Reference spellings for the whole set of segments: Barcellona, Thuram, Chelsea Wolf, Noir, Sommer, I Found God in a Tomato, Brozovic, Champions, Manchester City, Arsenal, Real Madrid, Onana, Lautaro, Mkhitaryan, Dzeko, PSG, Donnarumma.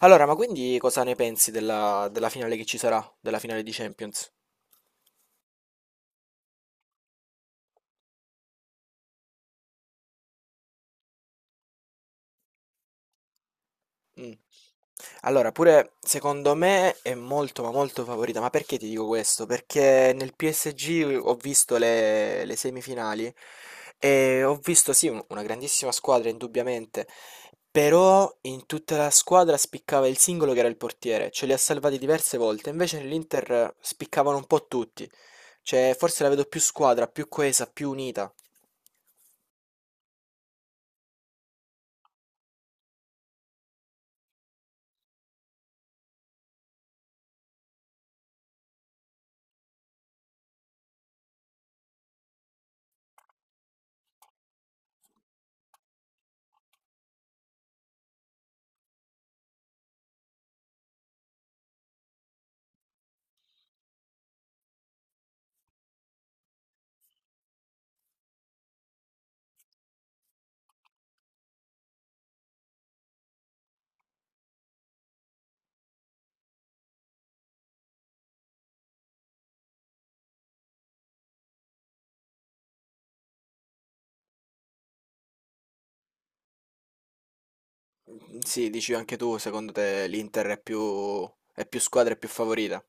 Allora, ma quindi cosa ne pensi della finale che ci sarà? Della finale di Champions? Mm. Allora, pure secondo me è molto ma molto favorita, ma perché ti dico questo? Perché nel PSG ho visto le semifinali e ho visto sì una grandissima squadra indubbiamente, però in tutta la squadra spiccava il singolo che era il portiere, ce li ha salvati diverse volte, invece nell'Inter spiccavano un po' tutti, cioè forse la vedo più squadra, più coesa, più unita. Mm, sì, dici anche tu, secondo te l'Inter è più squadra e più favorita?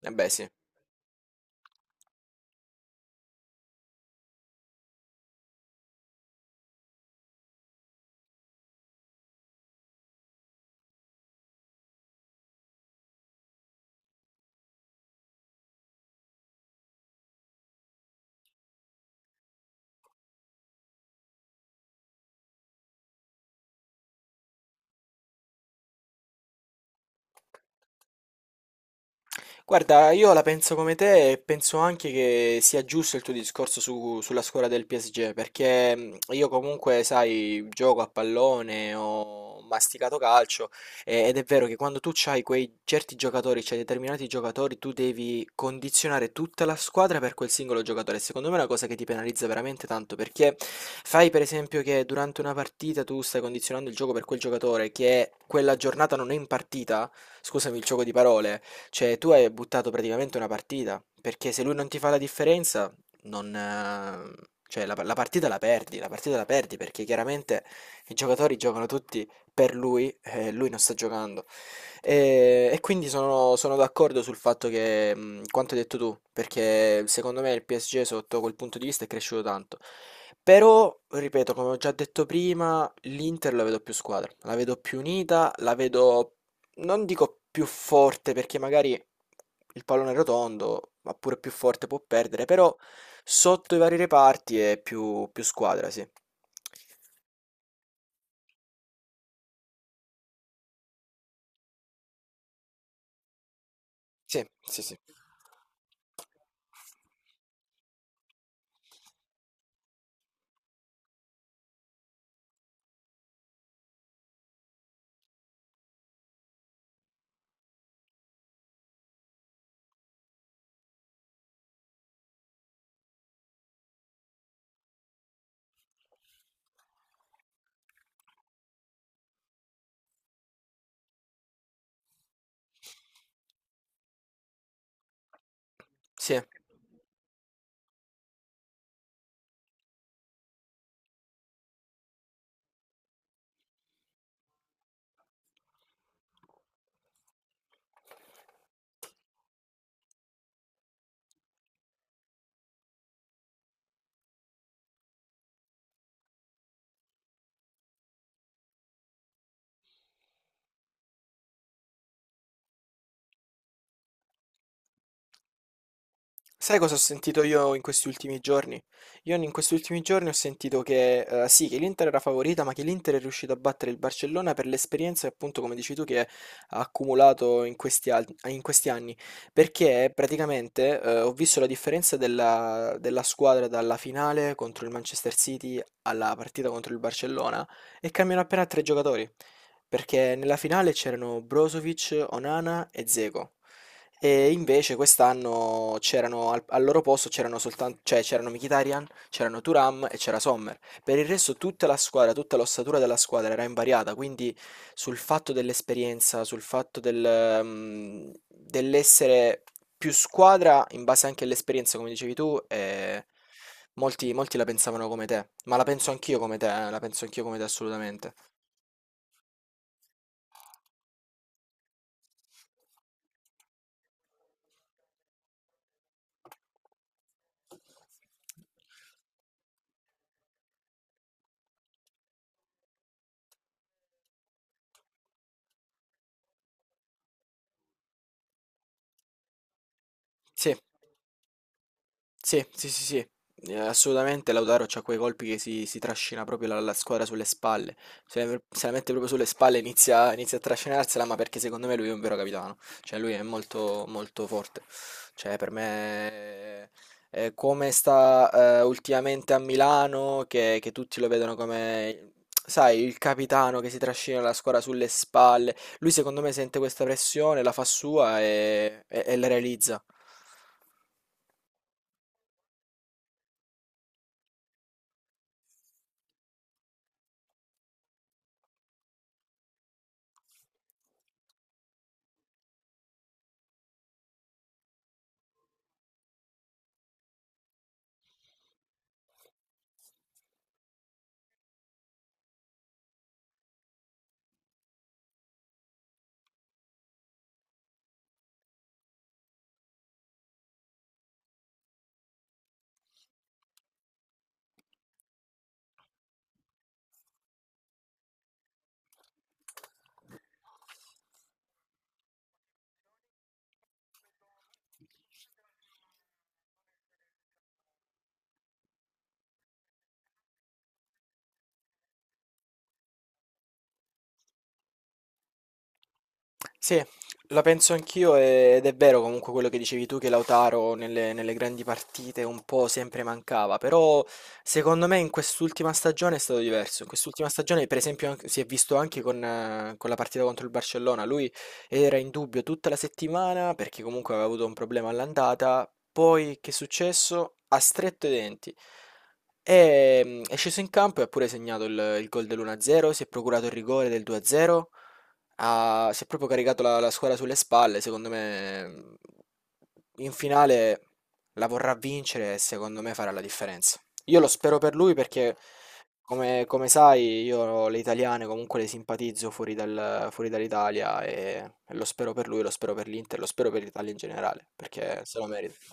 Eh beh, sì. Guarda, io la penso come te e penso anche che sia giusto il tuo discorso sulla scuola del PSG, perché io comunque, sai, gioco a pallone, ho masticato calcio ed è vero che quando tu hai quei certi giocatori, c'hai determinati giocatori, tu devi condizionare tutta la squadra per quel singolo giocatore. Secondo me è una cosa che ti penalizza veramente tanto, perché fai per esempio che durante una partita tu stai condizionando il gioco per quel giocatore che quella giornata non è in partita, scusami il gioco di parole. Cioè, tu hai buttato praticamente una partita, perché se lui non ti fa la differenza, non, cioè, la partita la perdi, la partita la perdi, perché chiaramente i giocatori giocano tutti per lui e lui non sta giocando. E quindi sono d'accordo sul fatto che, quanto hai detto tu, perché secondo me il PSG sotto quel punto di vista è cresciuto tanto. Però, ripeto, come ho già detto prima, l'Inter la vedo più squadra, la vedo più unita, la vedo non dico più forte perché magari il pallone è rotondo, ma pure più forte può perdere, però sotto i vari reparti è più, più squadra, sì. Sì, sì, sì. Sì, sai cosa ho sentito io in questi ultimi giorni? Io in questi ultimi giorni ho sentito che sì, che l'Inter era favorita, ma che l'Inter è riuscito a battere il Barcellona per l'esperienza, appunto, come dici tu, che ha accumulato in questi, in questi anni. Perché praticamente ho visto la differenza della squadra dalla finale contro il Manchester City alla partita contro il Barcellona e cambiano appena tre giocatori. Perché nella finale c'erano Brozovic, Onana e Dzeko. E invece quest'anno c'erano al loro posto c'erano soltanto, cioè c'erano Mkhitaryan, c'erano Thuram e c'era Sommer. Per il resto tutta la squadra, tutta l'ossatura della squadra era invariata, quindi sul fatto dell'esperienza, sul fatto del, dell'essere più squadra in base anche all'esperienza, come dicevi tu, molti la pensavano come te, ma la penso anch'io come te, la penso anch'io come te assolutamente. Sì. Sì, sì, sì, sì, assolutamente Lautaro c'ha quei colpi che si trascina proprio la squadra sulle spalle, se se la mette proprio sulle spalle inizia, inizia a trascinarsela, ma perché secondo me lui è un vero capitano, cioè lui è molto forte, cioè per me come sta ultimamente a Milano, che tutti lo vedono come, sai, il capitano che si trascina la squadra sulle spalle, lui secondo me sente questa pressione, la fa sua e e la realizza. Thank you. Sì, la penso anch'io ed è vero comunque quello che dicevi tu che Lautaro nelle grandi partite un po' sempre mancava, però secondo me in quest'ultima stagione è stato diverso. In quest'ultima stagione per esempio si è visto anche con la partita contro il Barcellona, lui era in dubbio tutta la settimana perché comunque aveva avuto un problema all'andata, poi che è successo? Ha stretto i denti. E, è sceso in campo e ha pure segnato il gol dell'1-0, si è procurato il rigore del 2-0. Ha si è proprio caricato la la squadra sulle spalle, secondo me, in finale la vorrà vincere e secondo me farà la differenza. Io lo spero per lui perché, come come sai, io le italiane comunque le simpatizzo fuori dal fuori dall'Italia e lo spero per lui, lo spero per l'Inter, lo spero per l'Italia in generale, perché se lo merita.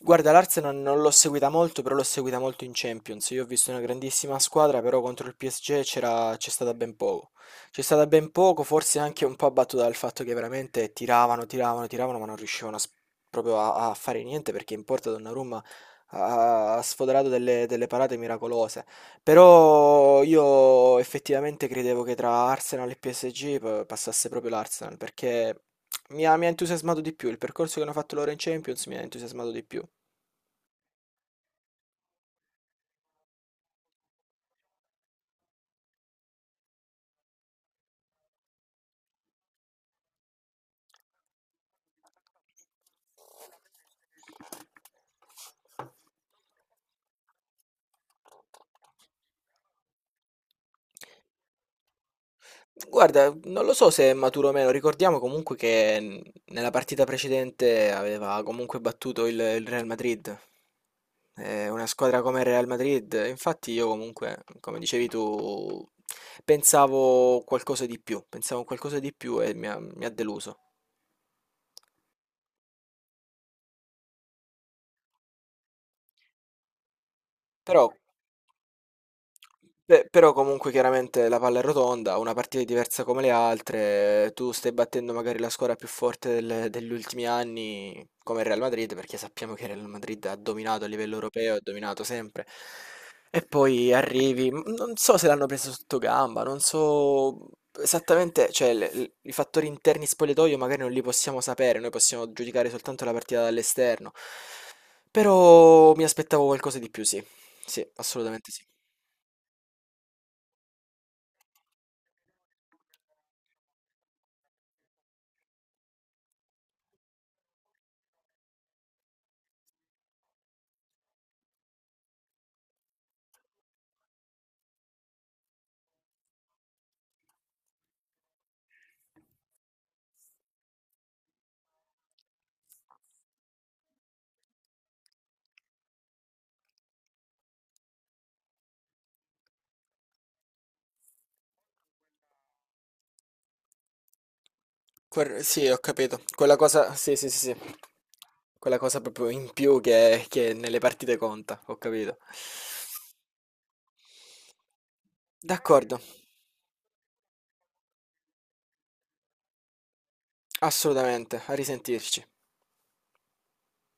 Guarda, l'Arsenal non l'ho seguita molto, però l'ho seguita molto in Champions. Io ho visto una grandissima squadra, però contro il PSG c'era, c'è stata ben poco. C'è stata ben poco, forse anche un po' abbattuta dal fatto che veramente tiravano, tiravano, tiravano, ma non riuscivano a proprio a fare niente perché in porta Donnarumma ha, ha sfoderato delle, delle parate miracolose. Però io effettivamente credevo che tra Arsenal e PSG passasse proprio l'Arsenal, perché mi ha entusiasmato di più, il percorso che hanno fatto loro in Champions mi ha entusiasmato di più. Guarda, non lo so se è maturo o meno, ricordiamo comunque che nella partita precedente aveva comunque battuto il Real Madrid. È una squadra come il Real Madrid, infatti io comunque, come dicevi tu, pensavo qualcosa di più, pensavo a qualcosa di più e mi ha deluso. Però beh, però comunque chiaramente la palla è rotonda, una partita è diversa come le altre, tu stai battendo magari la squadra più forte degli ultimi anni, come il Real Madrid, perché sappiamo che il Real Madrid ha dominato a livello europeo, ha dominato sempre. E poi arrivi, non so se l'hanno preso sotto gamba, non so esattamente, cioè i fattori interni spogliatoio magari non li possiamo sapere, noi possiamo giudicare soltanto la partita dall'esterno, però mi aspettavo qualcosa di più, sì, sì, assolutamente sì. Sì, ho capito. Quella cosa, sì, sì, sì, sì. Quella cosa proprio in più che nelle partite conta, ho capito. D'accordo, assolutamente, a risentirci.